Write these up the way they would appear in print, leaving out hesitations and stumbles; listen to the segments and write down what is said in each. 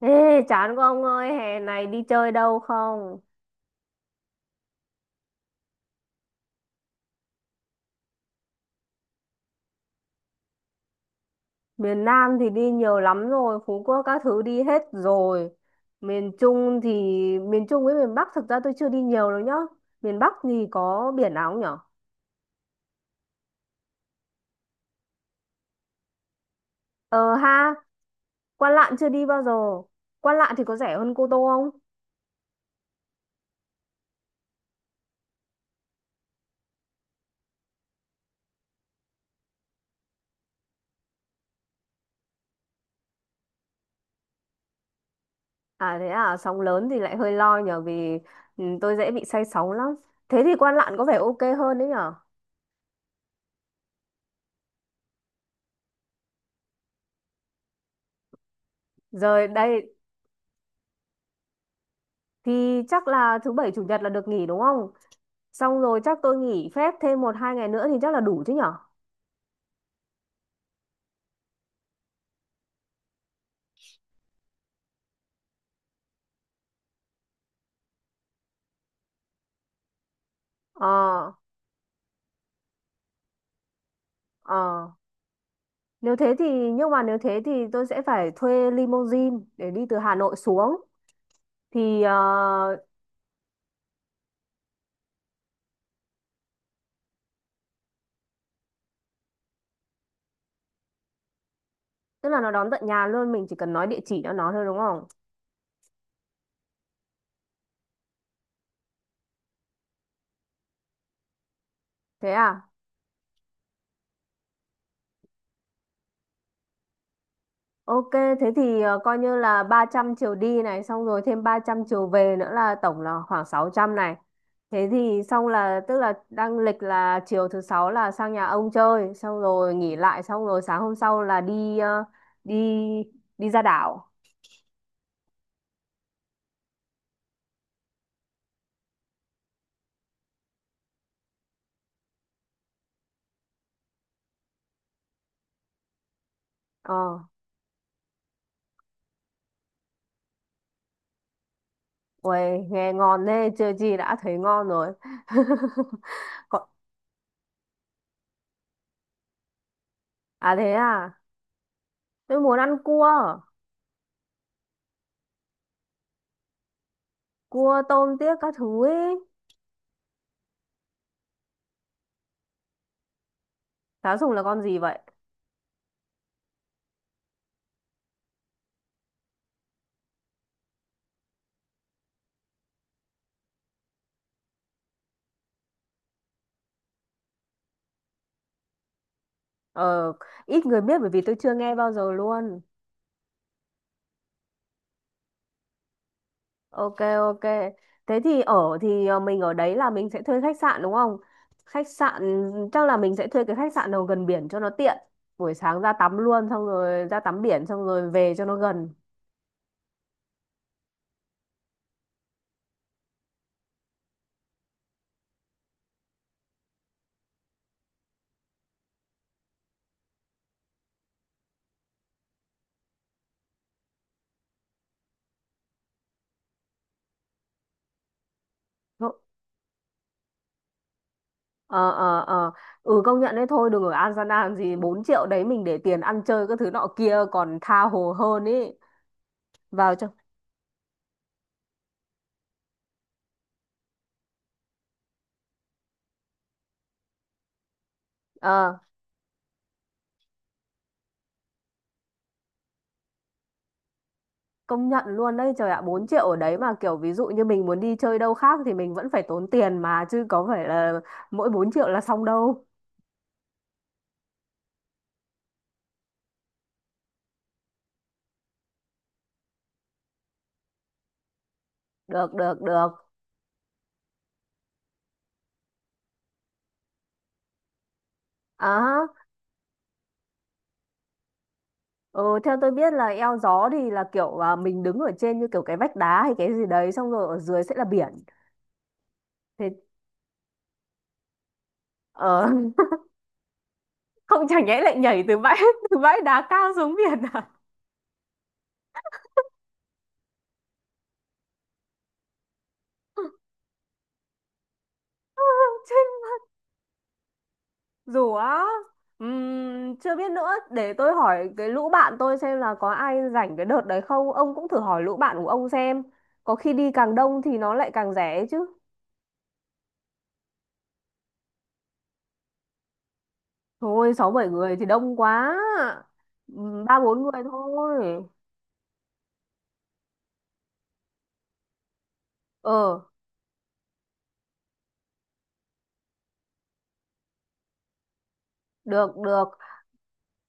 Ê, chán quá ông ơi, hè này đi chơi đâu không? Miền Nam thì đi nhiều lắm rồi, Phú Quốc các thứ đi hết rồi. Miền Trung thì, miền Trung với miền Bắc thực ra tôi chưa đi nhiều đâu nhá. Miền Bắc thì có biển nào không nhở? Ờ ha, Quan Lạn chưa đi bao giờ. Quan Lạn thì có rẻ hơn Cô Tô không? À thế à, sóng lớn thì lại hơi lo nhở vì tôi dễ bị say sóng lắm. Thế thì Quan Lạn có vẻ ok hơn đấy nhở? Rồi đây thì chắc là thứ bảy chủ nhật là được nghỉ đúng không? Xong rồi chắc tôi nghỉ phép thêm một hai ngày nữa thì chắc là đủ chứ nhở? Ờ, ờ. Nếu thế thì, nhưng mà nếu thế thì tôi sẽ phải thuê limousine để đi từ Hà Nội xuống. Thì, ờ, tức là nó đón tận nhà luôn, mình chỉ cần nói địa chỉ cho nó thôi đúng không? Thế à? Ok, thế thì coi như là 300 chiều đi này, xong rồi thêm 300 chiều về nữa là tổng là khoảng 600 này. Thế thì xong là tức là đang lịch là chiều thứ sáu là sang nhà ông chơi, xong rồi nghỉ lại, xong rồi sáng hôm sau là đi đi ra đảo. Ờ, uầy, nghe ngon thế, chưa gì đã thấy ngon rồi. Còn- À thế à, tôi muốn ăn cua, cua tôm tiếc các thứ ấy. Cá sùng là con gì vậy? Ờ, ít người biết bởi vì tôi chưa nghe bao giờ luôn. Ok, ok. Thế thì ở thì ờ, mình ở đấy là mình sẽ thuê khách sạn đúng không? Khách sạn Chắc là mình sẽ thuê cái khách sạn nào gần biển cho nó tiện. Buổi sáng ra tắm luôn xong rồi ra tắm biển xong rồi về cho nó gần. Ờ ờ ờ. Ừ, công nhận đấy, thôi đừng ở An làm gì, 4 triệu đấy mình để tiền ăn chơi các thứ nọ kia còn tha hồ hơn ý. Vào cho. Ờ. Công nhận luôn đấy, trời ạ, 4 triệu ở đấy mà kiểu ví dụ như mình muốn đi chơi đâu khác thì mình vẫn phải tốn tiền mà chứ có phải là mỗi 4 triệu là xong đâu. Được được được. À ừ, theo tôi biết là eo gió thì là kiểu mình đứng ở trên như kiểu cái vách đá hay cái gì đấy xong rồi ở dưới sẽ là biển. Thế ờ, không chẳng nhẽ lại nhảy từ bãi từ bãi đá cao xuống biển à. Dù á, chưa biết nữa, để tôi hỏi cái lũ bạn tôi xem là có ai rảnh cái đợt đấy không. Ông cũng thử hỏi lũ bạn của ông xem. Có khi đi càng đông thì nó lại càng rẻ ấy chứ. Thôi, sáu bảy người thì đông quá. Ba bốn người thôi. Ờ, được, được.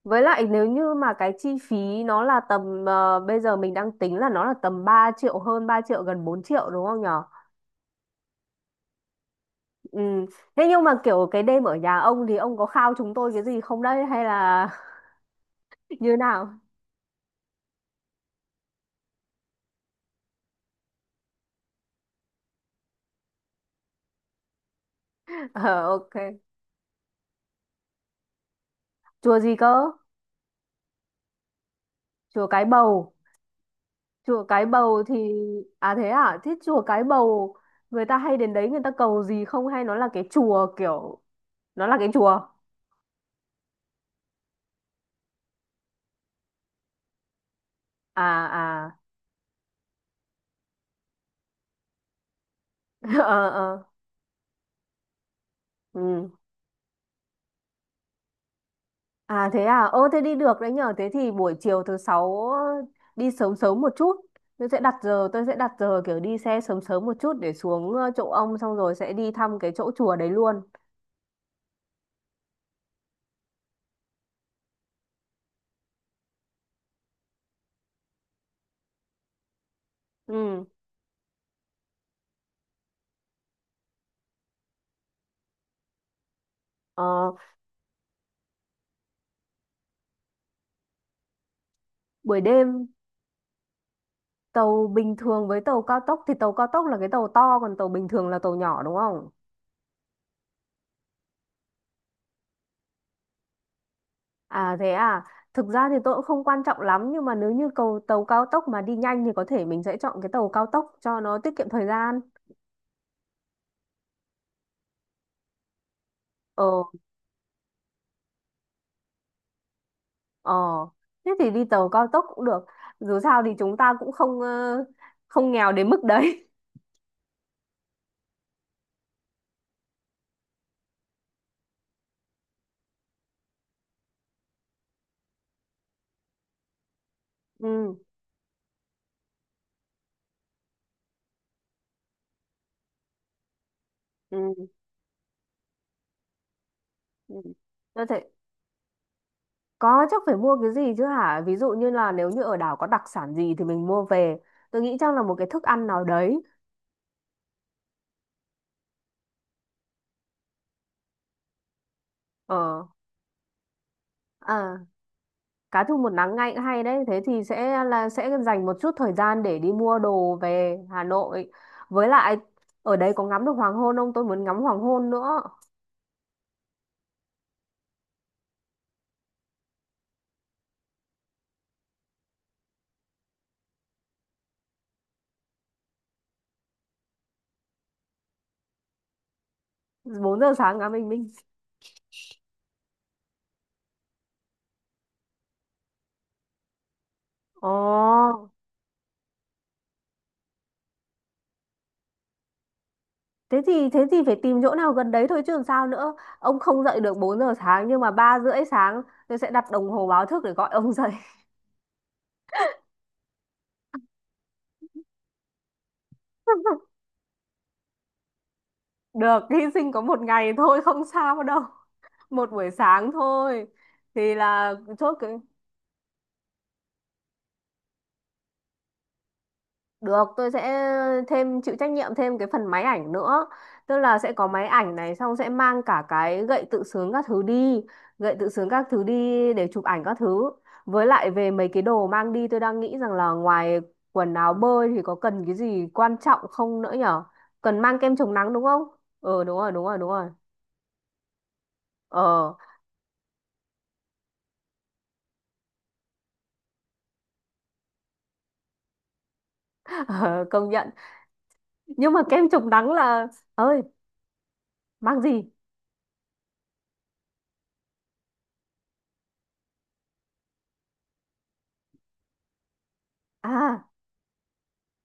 Với lại nếu như mà cái chi phí nó là bây giờ mình đang tính là nó là tầm 3 triệu hơn 3 triệu, gần 4 triệu đúng không nhở? Ừ. Thế nhưng mà kiểu cái đêm ở nhà ông thì ông có khao chúng tôi cái gì không đấy hay là như nào? Ờ, ok. Chùa gì cơ? Chùa Cái Bầu. Chùa Cái Bầu thì. À thế à, thế chùa Cái Bầu người ta hay đến đấy người ta cầu gì không hay nó là cái chùa kiểu, nó là cái chùa. À, à. Ờ, ờ. Ừ. À thế à, ô thế đi được đấy nhở, thế thì buổi chiều thứ sáu đi sớm sớm một chút. Tôi sẽ đặt giờ kiểu đi xe sớm sớm một chút để xuống chỗ ông xong rồi sẽ đi thăm cái chỗ chùa đấy luôn. Ừ. Ờ, buổi đêm. Tàu bình thường với tàu cao tốc thì tàu cao tốc là cái tàu to còn tàu bình thường là tàu nhỏ đúng không? À thế à, thực ra thì tôi cũng không quan trọng lắm nhưng mà nếu như cầu tàu cao tốc mà đi nhanh thì có thể mình sẽ chọn cái tàu cao tốc cho nó tiết kiệm thời gian. Ờ, ờ, thế thì đi tàu cao tốc cũng được. Dù sao thì chúng ta cũng không nghèo đến mức đấy. Ừ, ừ, ừ. Tôi thấy có chắc phải mua cái gì chứ hả? Ví dụ như là nếu như ở đảo có đặc sản gì thì mình mua về. Tôi nghĩ chắc là một cái thức ăn nào đấy. Ờ. À, cá thu một nắng ngay cũng hay đấy. Thế thì sẽ dành một chút thời gian để đi mua đồ về Hà Nội. Với lại ở đấy có ngắm được hoàng hôn không? Tôi muốn ngắm hoàng hôn nữa. 4 giờ sáng ngắm bình minh. Ồ, thế thì phải tìm chỗ nào gần đấy thôi chứ làm sao nữa. Ông không dậy được 4 giờ sáng nhưng mà 3 rưỡi sáng tôi sẽ đặt đồng hồ báo thức để gọi ông dậy. Được, hy sinh có một ngày thôi không sao đâu. Một buổi sáng thôi. Thì là chốt cái. Được, tôi sẽ thêm chịu trách nhiệm thêm cái phần máy ảnh nữa. Tức là sẽ có máy ảnh này xong sẽ mang cả cái gậy tự sướng các thứ đi, gậy tự sướng các thứ đi để chụp ảnh các thứ. Với lại về mấy cái đồ mang đi tôi đang nghĩ rằng là ngoài quần áo bơi thì có cần cái gì quan trọng không nữa nhở? Cần mang kem chống nắng đúng không? Ờ, đúng rồi, đúng rồi, đúng rồi. Ờ, ờ, công nhận. Nhưng mà kem chống nắng là ơi, mang gì? À,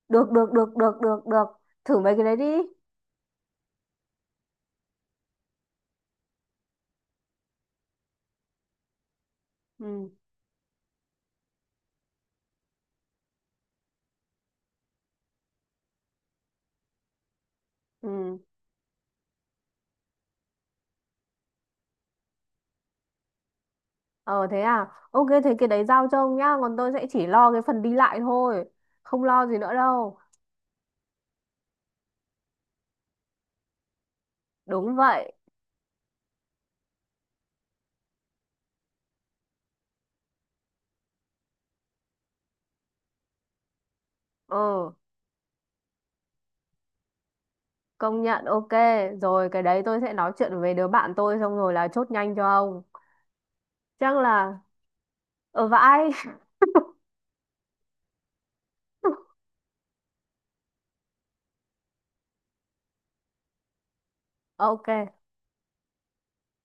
được được được được được được. Thử mấy cái đấy đi. Ừ. Ừ. Ờ thế à? Ok, thế cái đấy giao cho ông nhá, còn tôi sẽ chỉ lo cái phần đi lại thôi, không lo gì nữa đâu. Đúng vậy. Ừ, công nhận ok. Rồi cái đấy tôi sẽ nói chuyện với đứa bạn tôi xong rồi là chốt nhanh cho ông. Chắc là ở vãi. Ok.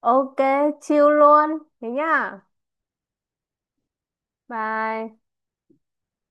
Ok, chill luôn. Thế nhá. Bye.